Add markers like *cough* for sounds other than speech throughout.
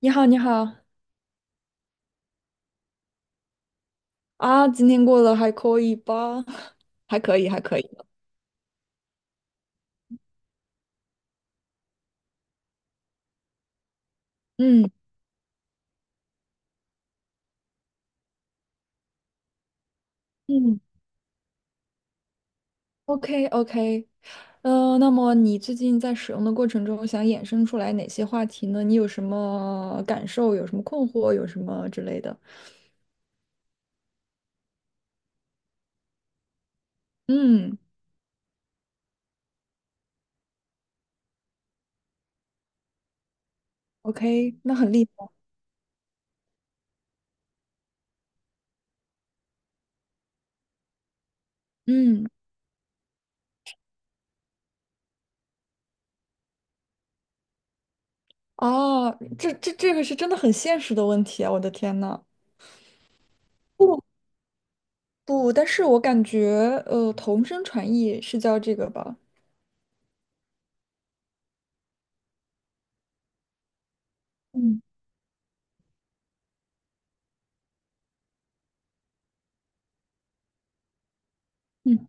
你好，你好。啊，今天过得还可以吧？*laughs* 还可以，还可以。嗯嗯，OK OK，那么你最近在使用的过程中，想衍生出来哪些话题呢？你有什么感受？有什么困惑？有什么之类的？嗯，OK，那很厉害。嗯，哦，这个是真的很现实的问题啊！我的天呐。不不，但是我感觉，同声传译是叫这个吧？嗯嗯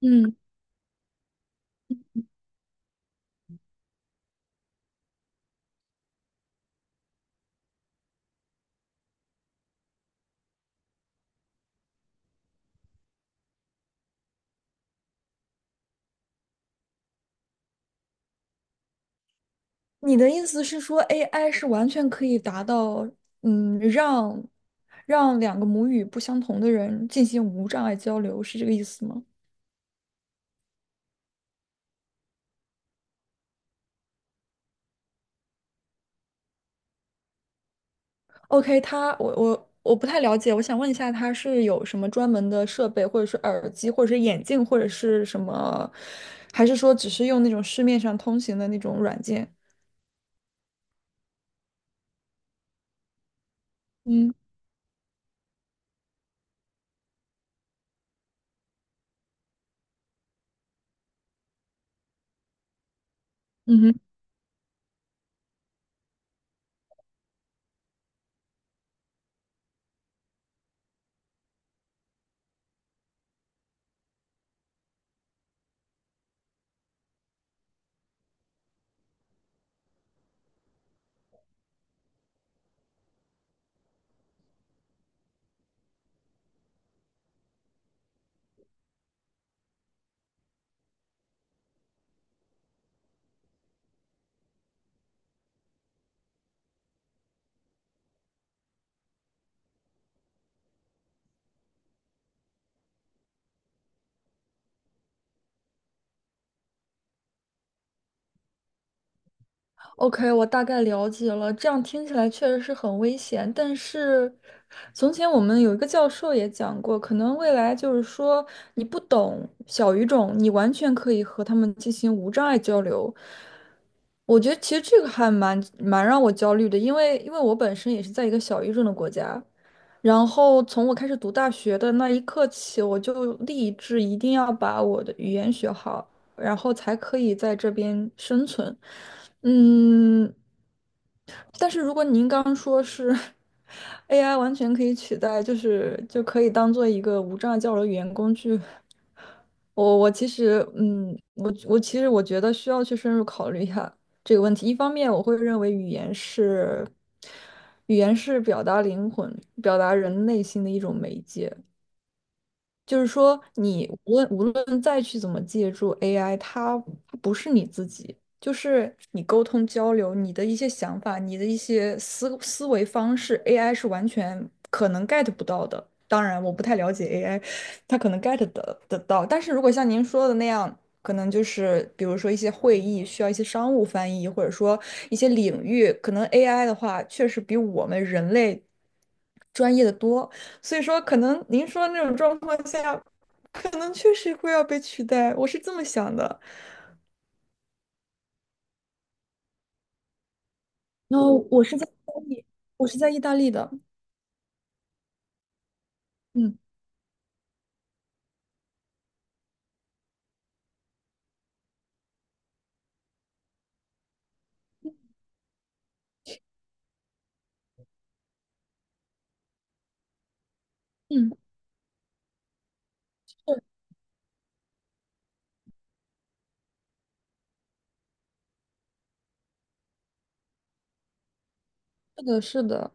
嗯。你的意思是说，AI 是完全可以达到，嗯，让两个母语不相同的人进行无障碍交流，是这个意思吗？OK，它，我不太了解，我想问一下，它是有什么专门的设备，或者是耳机，或者是眼镜，或者是什么，还是说只是用那种市面上通行的那种软件？嗯嗯哼。OK，我大概了解了。这样听起来确实是很危险，但是从前我们有一个教授也讲过，可能未来就是说你不懂小语种，你完全可以和他们进行无障碍交流。我觉得其实这个还蛮让我焦虑的，因为我本身也是在一个小语种的国家，然后从我开始读大学的那一刻起，我就立志一定要把我的语言学好，然后才可以在这边生存。嗯，但是如果您刚刚说是 *laughs* AI 完全可以取代，就是就可以当做一个无障碍交流语言工具，我其实，嗯，我其实我觉得需要去深入考虑一下这个问题。一方面，我会认为语言是表达灵魂、表达人内心的一种媒介。就是说，你无论再去怎么借助 AI，它不是你自己，就是你沟通交流，你的一些想法，你的一些思维方式，AI 是完全可能 get 不到的。当然，我不太了解 AI，它可能 get 得到，但是如果像您说的那样，可能就是比如说一些会议需要一些商务翻译，或者说一些领域，可能 AI 的话，确实比我们人类专业的多。所以说，可能您说的那种状况下，可能确实会要被取代，我是这么想的。然后我是在意大利，我是在意大利的。嗯嗯，是是的，是的。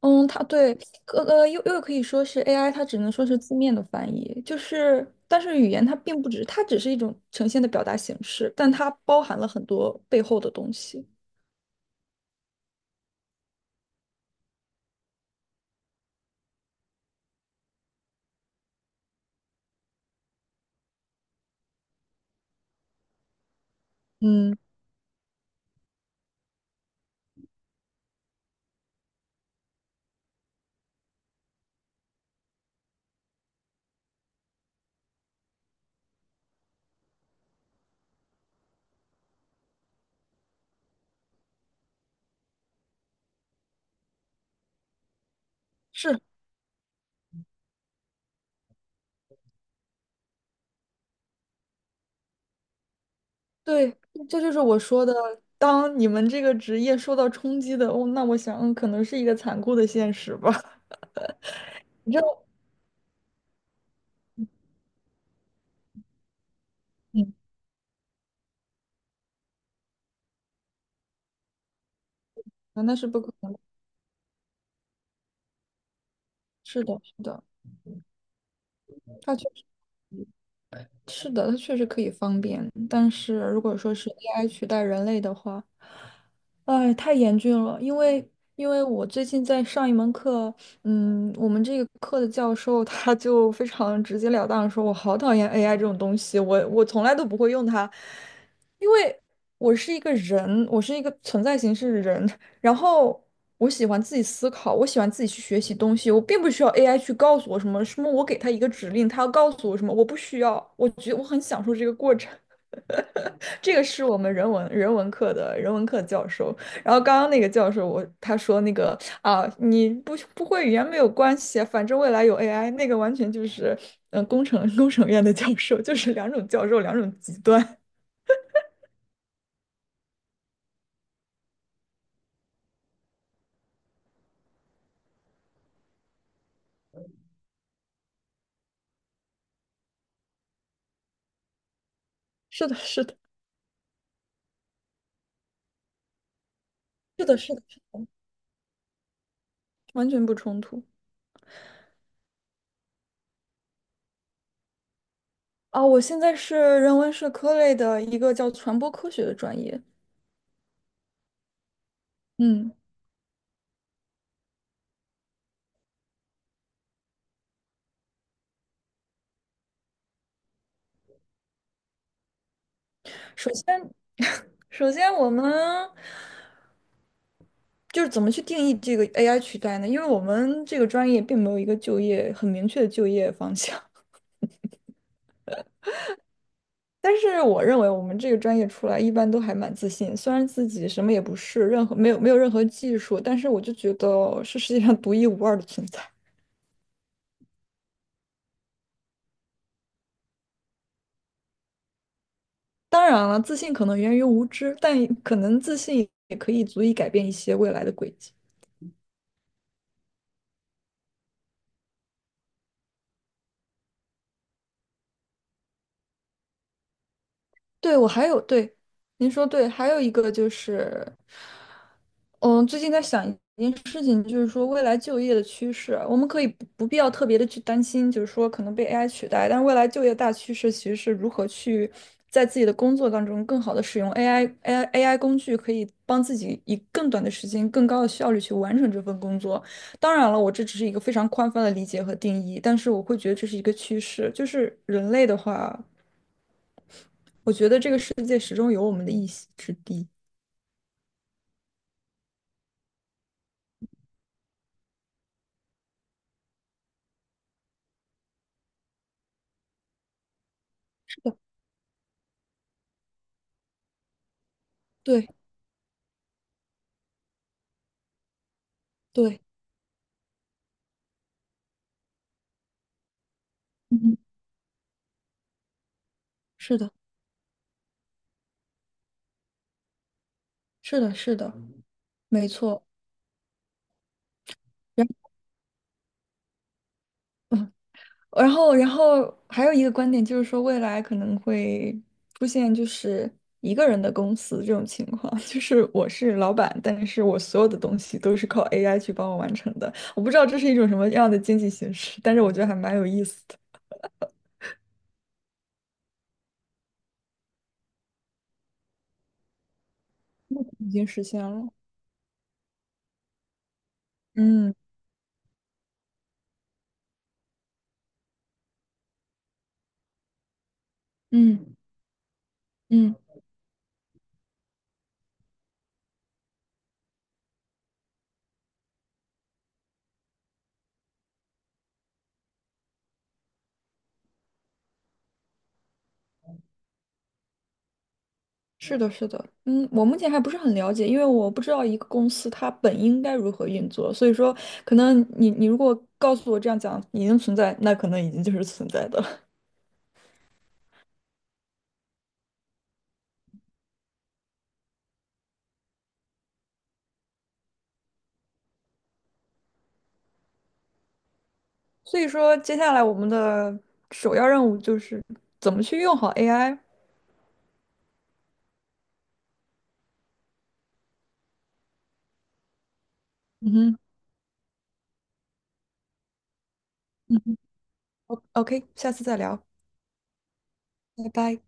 嗯，它对，又可以说是 AI，它只能说是字面的翻译，就是但是语言它并不只，它只是一种呈现的表达形式，但它包含了很多背后的东西。嗯。是。对，这就是我说的，当你们这个职业受到冲击的，哦，那我想嗯可能是一个残酷的现实吧。*laughs* 你知道，嗯，啊那是不可能的。是的，是的。他确是的，它确实可以方便，但是如果说是 AI 取代人类的话，哎，太严峻了。因为我最近在上一门课，嗯，我们这个课的教授他就非常直截了当地说，我好讨厌 AI 这种东西，我从来都不会用它，因为我是一个人，我是一个存在形式的人，然后我喜欢自己思考，我喜欢自己去学习东西，我并不需要 AI 去告诉我什么什么，我给他一个指令，他要告诉我什么，我不需要，我觉得我很享受这个过程。*laughs* 这个是我们人文课的人文课教授，然后刚刚那个教授我他说那个啊，你不会语言没有关系，反正未来有 AI，那个完全就是工程院的教授，就是两种教授两种极端。*laughs* 是的，是的，是的，是的，完全不冲突。啊，我现在是人文社科类的一个叫传播科学的专业。嗯，首先，*laughs* 首先我们就是怎么去定义这个 AI 取代呢？因为我们这个专业并没有一个就业很明确的就业方向。*laughs* 但是我认为我们这个专业出来一般都还蛮自信，虽然自己什么也不是，任何没有没有任何技术，但是我就觉得是世界上独一无二的存在。当然了，自信可能源于无知，但可能自信也可以足以改变一些未来的轨迹。对，我还有，对，您说对，还有一个就是，嗯，最近在想一件事情，就是说未来就业的趋势啊，我们可以不必要特别的去担心，就是说可能被 AI 取代，但是未来就业大趋势其实是如何去在自己的工作当中更好的使用 AI AI AI 工具，可以帮自己以更短的时间、更高的效率去完成这份工作。当然了，我这只是一个非常宽泛的理解和定义，但是我会觉得这是一个趋势，就是人类的话。我觉得这个世界始终有我们的一席之地。是的，对对，嗯，是的，是的，是的，没错。然然后还有一个观点就是说，未来可能会出现就是一个人的公司这种情况，*laughs* 就是我是老板，但是我所有的东西都是靠 AI 去帮我完成的。我不知道这是一种什么样的经济形式，但是我觉得还蛮有意思的，已经实现了。嗯嗯嗯。是的，是的，嗯，我目前还不是很了解，因为我不知道一个公司它本应该如何运作，所以说可能你如果告诉我这样讲已经存在，那可能已经就是存在的了。*laughs* 所以说，接下来我们的首要任务就是怎么去用好 AI。嗯哼，嗯哼，OK，下次再聊，拜拜。